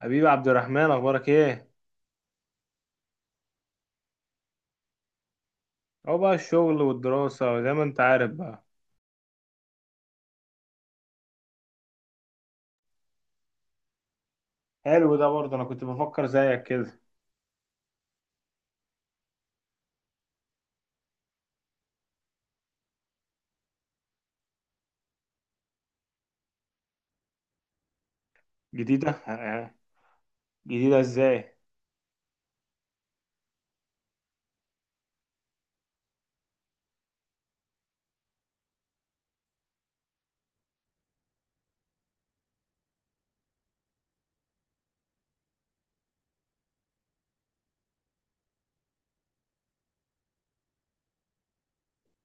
حبيبي عبد الرحمن، اخبارك ايه؟ اهو بقى الشغل والدراسة زي ما انت عارف بقى. حلو ده برضه، انا كنت بفكر زيك كده. جديدة، آه. جديدة ازاي؟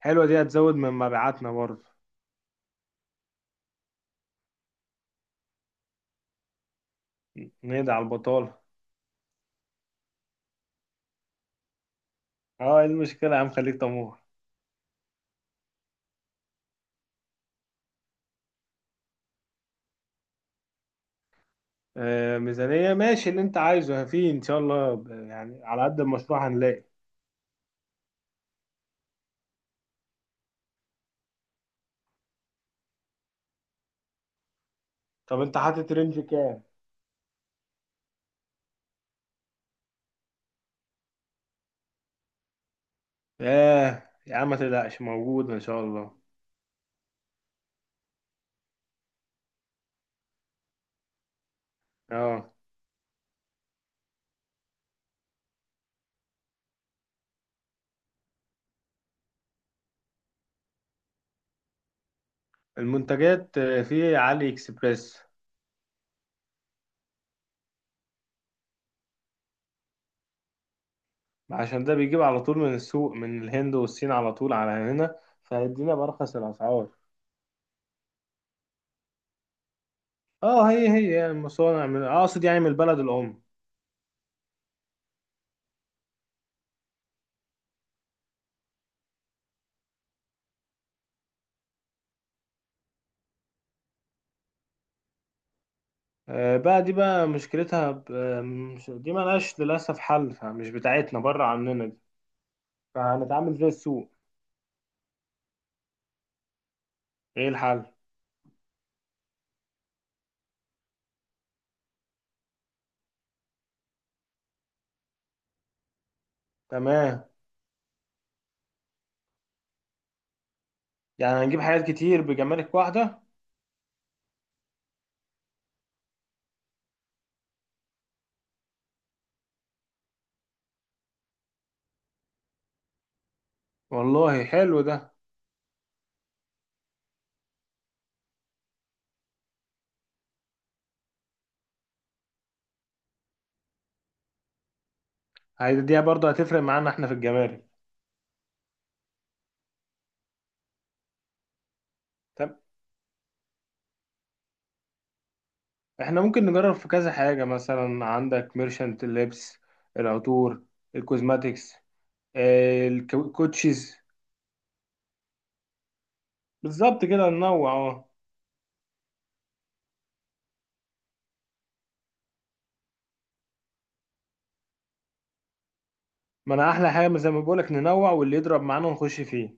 حلوة دي، هتزود من مبيعاتنا برضه. نقضي على البطالة. اه، ايه المشكلة يا عم، خليك طموح. آه، ميزانية ماشي اللي انت عايزه في ان شاء الله، يعني على قد المشروع هنلاقي. طب انت حاطط رينج كام؟ اه يا عم، ما تقلقش، موجود ان شاء الله. اه. المنتجات في علي اكسبريس. عشان ده بيجيب على طول من السوق، من الهند والصين على طول على هنا، فهيدينا بأرخص الأسعار. اه، هي يعني مصانع، أقصد يعني من البلد الأم. آه بقى، دي بقى مشكلتها ب... آه، مش... دي ملهاش للأسف حل، فمش بتاعتنا، بره عننا دي. فهنتعامل زي السوق. ايه الحل؟ تمام. يعني هنجيب حاجات كتير بجمارك واحدة. والله حلو ده. هيديها برضه، هتفرق معانا احنا في الجمارك. احنا ممكن نجرب في كذا حاجة، مثلا عندك ميرشنت اللبس، العطور، الكوزماتيكس، الكوتشيز. بالظبط كده ننوع، اه. ما انا احلى حاجة زي ما بقولك، ننوع واللي يضرب معانا نخش فيه.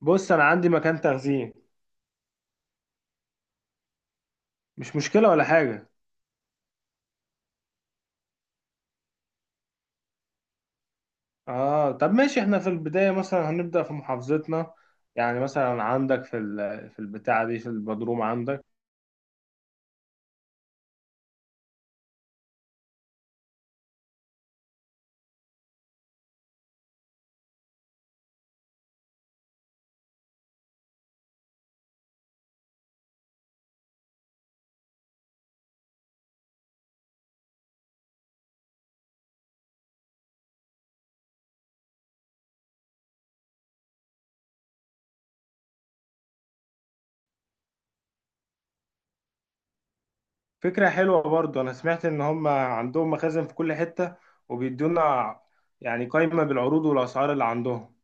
بص انا عندي مكان تخزين. مش مشكلة ولا حاجة. اه طب ماشي، احنا في البداية مثلا هنبدأ في محافظتنا. يعني مثلا عندك في البتاعة دي، في البدروم عندك. فكرة حلوة برضو، أنا سمعت إن هم عندهم مخازن في كل حتة، وبيدونا يعني قائمة بالعروض والأسعار اللي عندهم.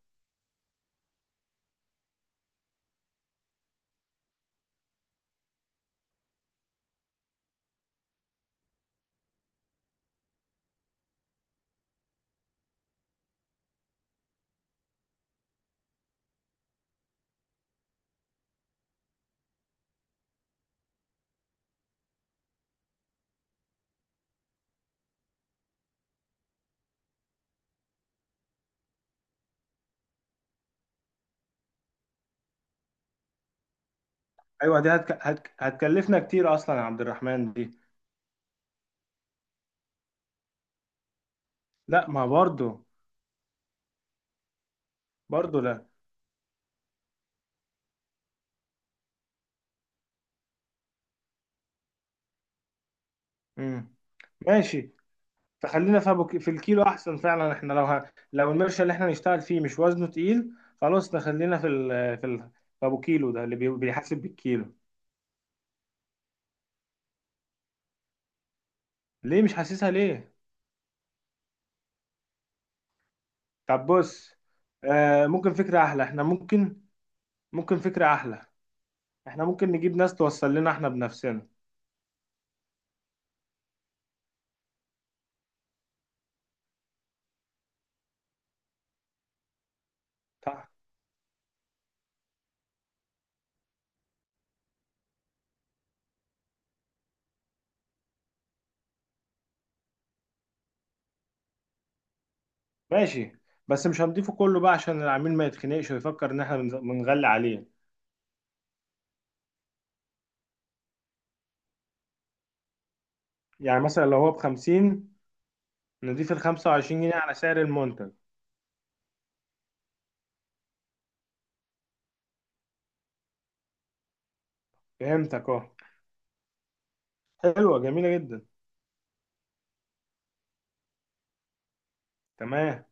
أيوة دي هتكلفنا كتير أصلا يا عبد الرحمن دي. لا، ما برضو. برضو لا. مم. ماشي. فخلينا في في الكيلو أحسن فعلا. إحنا لو المرشة اللي إحنا نشتغل فيه مش وزنه تقيل، خلاص نخلينا في أبو كيلو ده اللي بيحاسب بالكيلو. ليه مش حاسسها ليه؟ طب بص. آه، ممكن فكرة أحلى، إحنا ممكن. ممكن فكرة أحلى. احنا ممكن نجيب ناس توصل لنا احنا بنفسنا. طيب. ماشي. بس مش هنضيفه كله بقى عشان العميل ما يتخنقش ويفكر ان احنا بنغلي عليه. يعني مثلا لو هو بـ50، نضيف 25 جنيه على سعر المنتج. فهمتك، اه. حلوة جميلة جدا. تمام.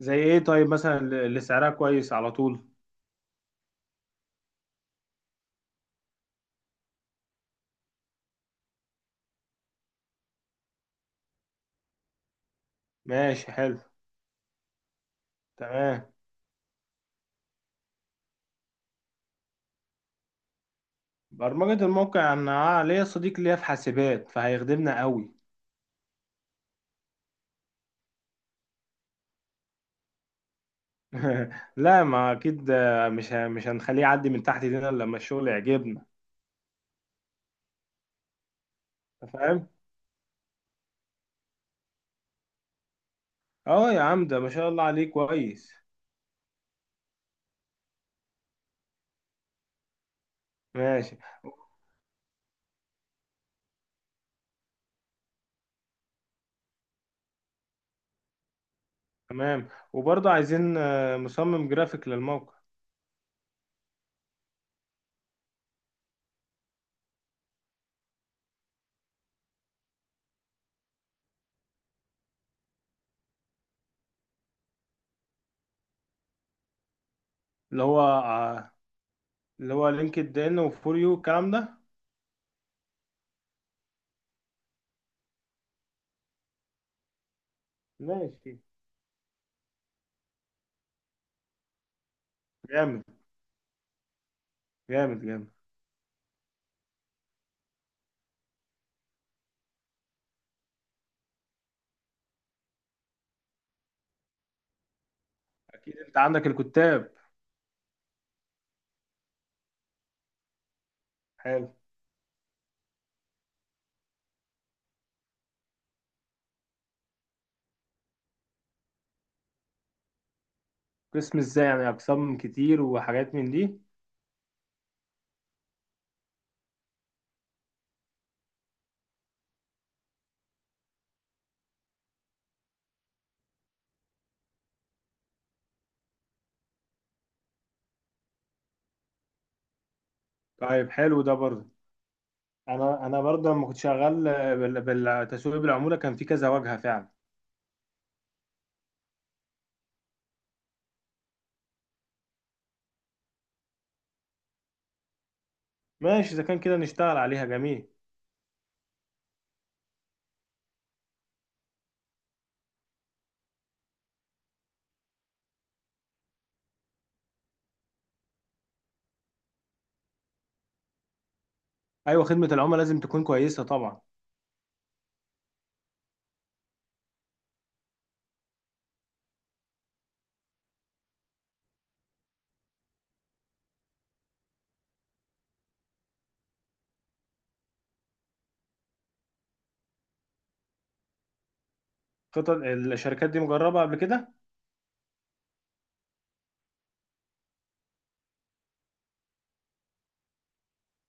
زي ايه؟ طيب مثلا اللي سعرها كويس على طول. ماشي، حلو. تمام. برمجة الموقع، انا ليا صديق ليا في حاسبات، فهيخدمنا قوي. لا ما اكيد، مش هنخليه يعدي من تحت ايدينا إلا لما الشغل يعجبنا. فاهم؟ اه يا عم، ده ما شاء الله عليه، كويس. ماشي، تمام. وبرضه عايزين مصمم جرافيك للموقع. اللي هو آه، اللي هو لينكد ان وفور يو الكلام ده. ماشي. جامد جامد. جامد. اكيد انت عندك الكتاب. حلو. قسم ازاي يعني، اقسام كتير وحاجات من دي؟ طيب حلو ده برضه. انا برضه لما كنت شغال، بالتسويق بالعموله، كان في كذا واجهه فعلا. ماشي، اذا كان كده نشتغل عليها، جميل. ايوه، خدمه العملاء لازم تكون كويسه طبعا. قطط الشركات دي مجربة قبل كده؟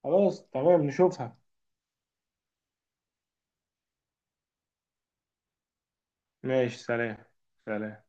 خلاص تمام، نشوفها. ماشي، سلام. سلام.